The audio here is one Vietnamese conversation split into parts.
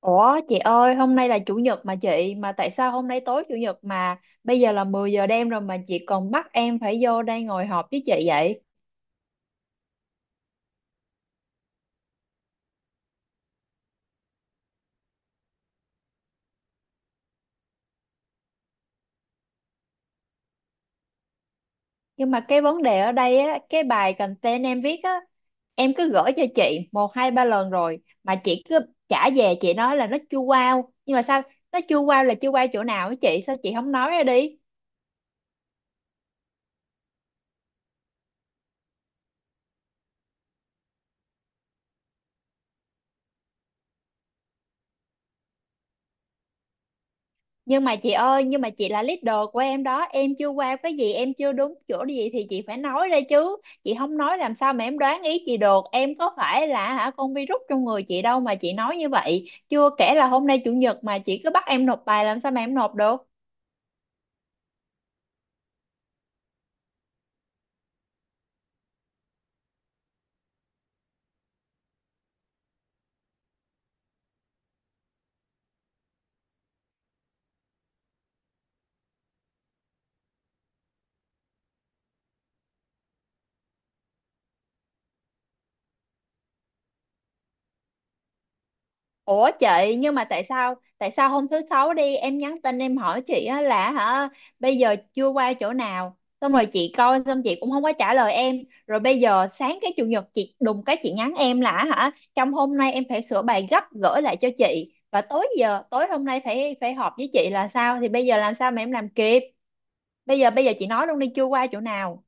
Ủa chị ơi, hôm nay là chủ nhật mà chị, mà tại sao hôm nay tối chủ nhật mà bây giờ là 10 giờ đêm rồi mà chị còn bắt em phải vô đây ngồi họp với chị vậy? Nhưng mà cái vấn đề ở đây á, cái bài content em viết á, em cứ gửi cho chị một hai ba lần rồi mà chị cứ trả về, chị nói là nó chưa wow, nhưng mà sao nó chưa wow, là chưa wow chỗ nào á chị, sao chị không nói ra đi? Nhưng mà chị ơi, nhưng mà chị là leader của em đó, em chưa qua cái gì, em chưa đúng chỗ gì thì chị phải nói ra chứ. Chị không nói làm sao mà em đoán ý chị được? Em có phải là hả con virus trong người chị đâu mà chị nói như vậy. Chưa kể là hôm nay chủ nhật mà chị cứ bắt em nộp bài, làm sao mà em nộp được? Ủa chị, nhưng mà tại sao hôm thứ sáu đi, em nhắn tin em hỏi chị á là hả bây giờ chưa qua chỗ nào, xong rồi chị coi xong chị cũng không có trả lời em, rồi bây giờ sáng cái chủ nhật chị đùng cái chị nhắn em là hả trong hôm nay em phải sửa bài gấp gửi lại cho chị, và tối, giờ tối hôm nay phải phải họp với chị là sao? Thì bây giờ làm sao mà em làm kịp? Bây giờ bây giờ chị nói luôn đi, chưa qua chỗ nào?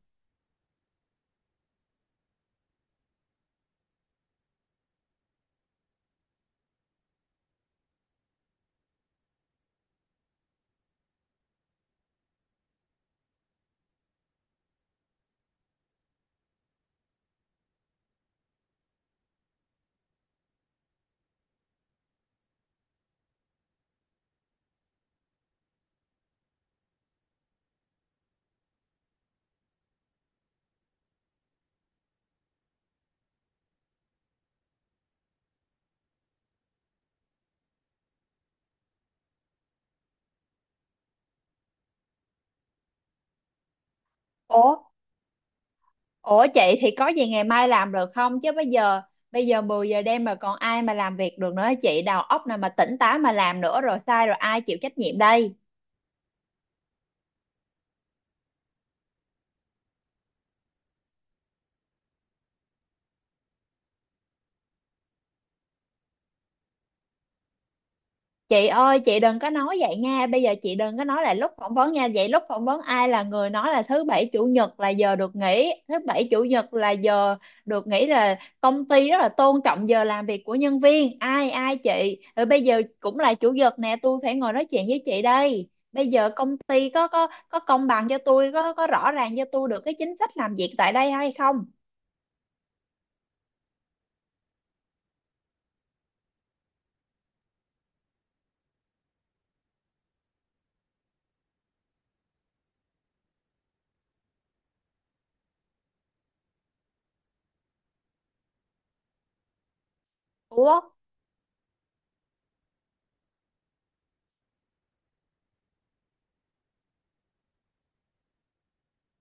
Ủa Ủa chị, thì có gì ngày mai làm được không? Chứ bây giờ 10 giờ đêm mà còn ai mà làm việc được nữa chị? Đầu óc nào mà tỉnh táo mà làm nữa, rồi sai rồi ai chịu trách nhiệm đây? Chị ơi, chị đừng có nói vậy nha, bây giờ chị đừng có nói là lúc phỏng vấn nha. Vậy lúc phỏng vấn ai là người nói là thứ bảy chủ nhật là giờ được nghỉ, thứ bảy chủ nhật là giờ được nghỉ, là công ty rất là tôn trọng giờ làm việc của nhân viên, ai ai chị? Rồi bây giờ cũng là chủ nhật nè, tôi phải ngồi nói chuyện với chị đây. Bây giờ công ty có công bằng cho tôi, có rõ ràng cho tôi được cái chính sách làm việc tại đây hay không? ủa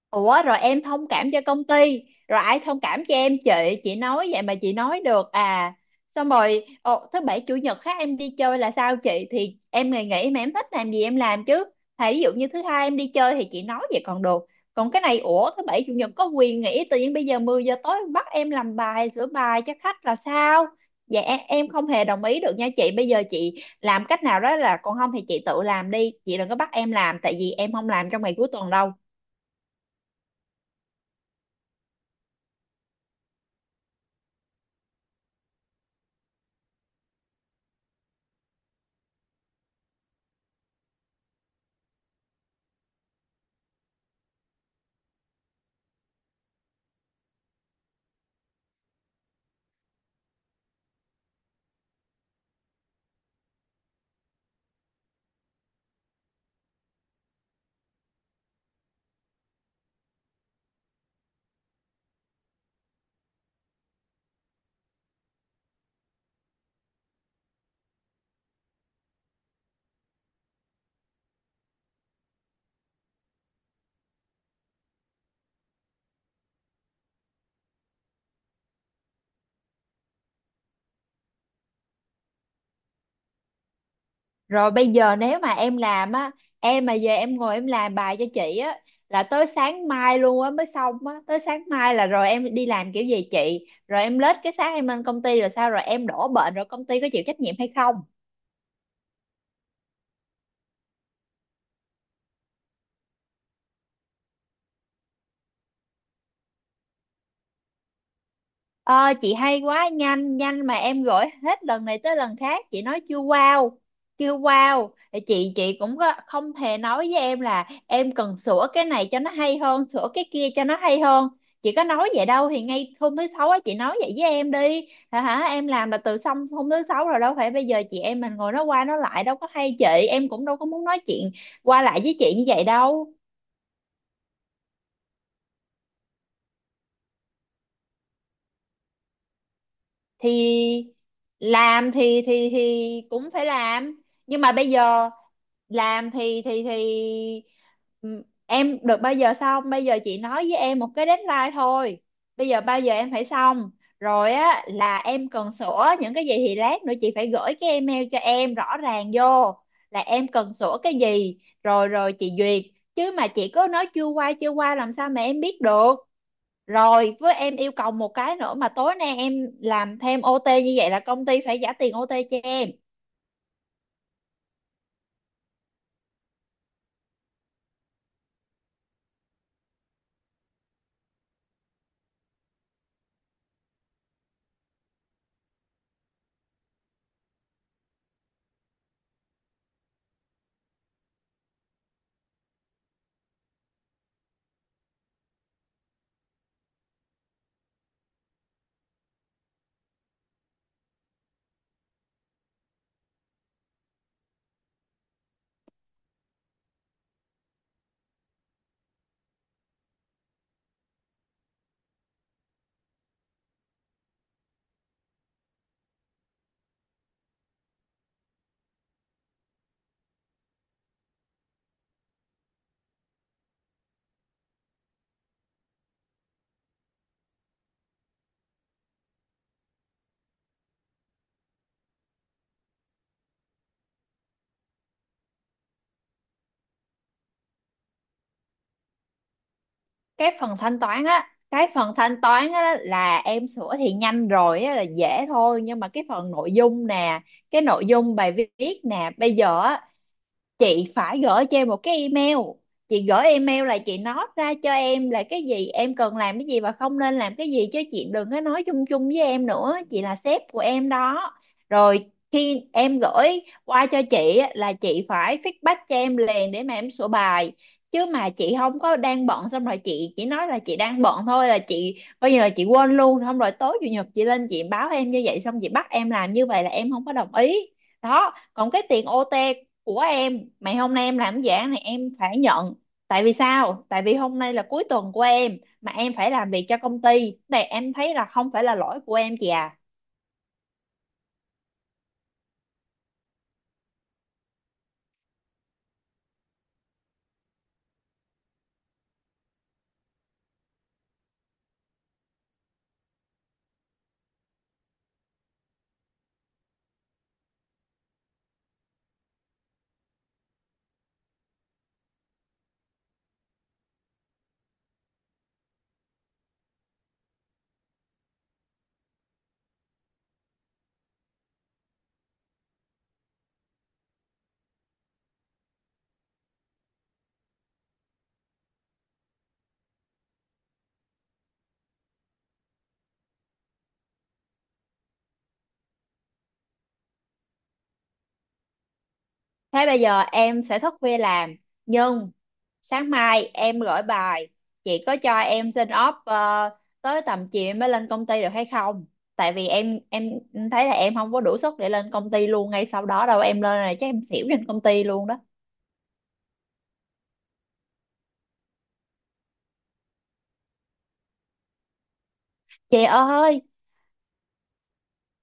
Ủa rồi em thông cảm cho công ty, rồi ai thông cảm cho em chị? Chị nói vậy mà chị nói được à? Xong rồi ồ, thứ bảy chủ nhật khác em đi chơi là sao chị? Thì em ngày nghỉ mà, em thích làm gì em làm chứ. Thà ví dụ như thứ hai em đi chơi thì chị nói vậy còn được. Còn cái này ủa, thứ bảy chủ nhật có quyền nghỉ, tự nhiên bây giờ 10 giờ tối bắt em làm bài, sửa bài cho khách là sao? Dạ em không hề đồng ý được nha chị. Bây giờ chị làm cách nào đó, là còn không thì chị tự làm đi, chị đừng có bắt em làm, tại vì em không làm trong ngày cuối tuần đâu. Rồi bây giờ nếu mà em làm á, em mà về em ngồi em làm bài cho chị á là tới sáng mai luôn á mới xong á, tới sáng mai là rồi em đi làm kiểu gì chị? Rồi em lết cái sáng em lên công ty, rồi sao rồi em đổ bệnh rồi công ty có chịu trách nhiệm hay không? Ờ, chị hay quá, nhanh nhanh mà em gửi hết lần này tới lần khác chị nói chưa wow, chưa wow. Thì chị cũng có, không thể nói với em là em cần sửa cái này cho nó hay hơn, sửa cái kia cho nó hay hơn, chị có nói vậy đâu. Thì ngay hôm thứ sáu á chị nói vậy với em đi, hả hả em làm là từ xong hôm thứ sáu rồi, đâu phải bây giờ chị em mình ngồi nói qua nói lại đâu có hay, chị em cũng đâu có muốn nói chuyện qua lại với chị như vậy đâu. Thì làm thì cũng phải làm, nhưng mà bây giờ làm thì em được bao giờ xong? Bây giờ chị nói với em một cái deadline thôi, bây giờ bao giờ em phải xong, rồi á là em cần sửa những cái gì thì lát nữa chị phải gửi cái email cho em rõ ràng vô là em cần sửa cái gì, rồi rồi chị duyệt. Chứ mà chị cứ nói chưa qua chưa qua làm sao mà em biết được? Rồi với em yêu cầu một cái nữa, mà tối nay em làm thêm OT như vậy là công ty phải trả tiền OT cho em. Cái phần thanh toán á, cái phần thanh toán á là em sửa thì nhanh rồi á, là dễ thôi, nhưng mà cái phần nội dung nè, cái nội dung bài viết nè, bây giờ á chị phải gửi cho em một cái email. Chị gửi email là chị nói ra cho em là cái gì em cần làm, cái gì và không nên làm cái gì, chứ chị đừng có nói chung chung với em nữa. Chị là sếp của em đó. Rồi khi em gửi qua cho chị á, là chị phải feedback cho em liền để mà em sửa bài, chứ mà chị không có, đang bận xong rồi chị chỉ nói là chị đang bận thôi, là chị coi như là chị quên luôn, xong rồi tối chủ nhật chị lên chị báo em như vậy, xong chị bắt em làm như vậy là em không có đồng ý. Đó còn cái tiền OT của em, mày hôm nay em làm giảng này em phải nhận. Tại vì sao? Tại vì hôm nay là cuối tuần của em mà em phải làm việc cho công ty này, em thấy là không phải là lỗi của em chị à. Thế bây giờ em sẽ thức khuya làm, nhưng sáng mai em gửi bài, chị có cho em xin off tới tầm chiều em mới lên công ty được hay không? Tại vì em thấy là em không có đủ sức để lên công ty luôn ngay sau đó đâu, em lên là chắc em xỉu trên công ty luôn đó. chị ơi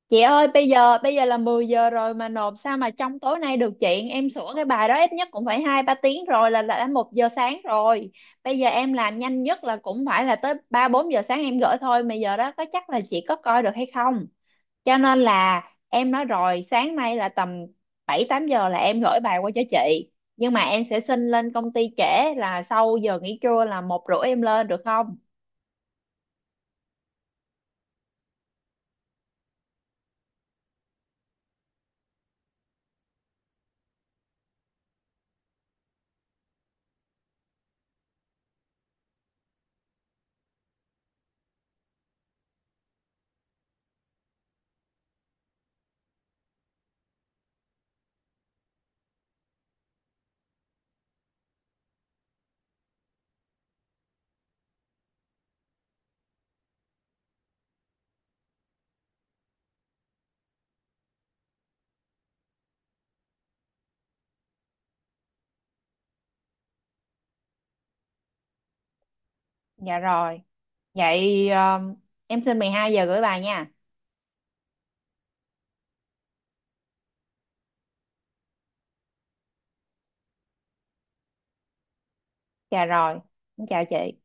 Chị ơi bây giờ là 10 giờ rồi mà nộp sao mà trong tối nay được chị? Em sửa cái bài đó ít nhất cũng phải hai ba tiếng rồi, là đã 1 giờ sáng rồi. Bây giờ em làm nhanh nhất là cũng phải là tới ba bốn giờ sáng em gửi thôi, mà giờ đó có chắc là chị có coi được hay không? Cho nên là em nói rồi, sáng nay là tầm bảy tám giờ là em gửi bài qua cho chị, nhưng mà em sẽ xin lên công ty trễ, là sau giờ nghỉ trưa là một rưỡi em lên được không? Dạ rồi, vậy em xin 12 giờ gửi bài nha. Dạ rồi, em chào chị.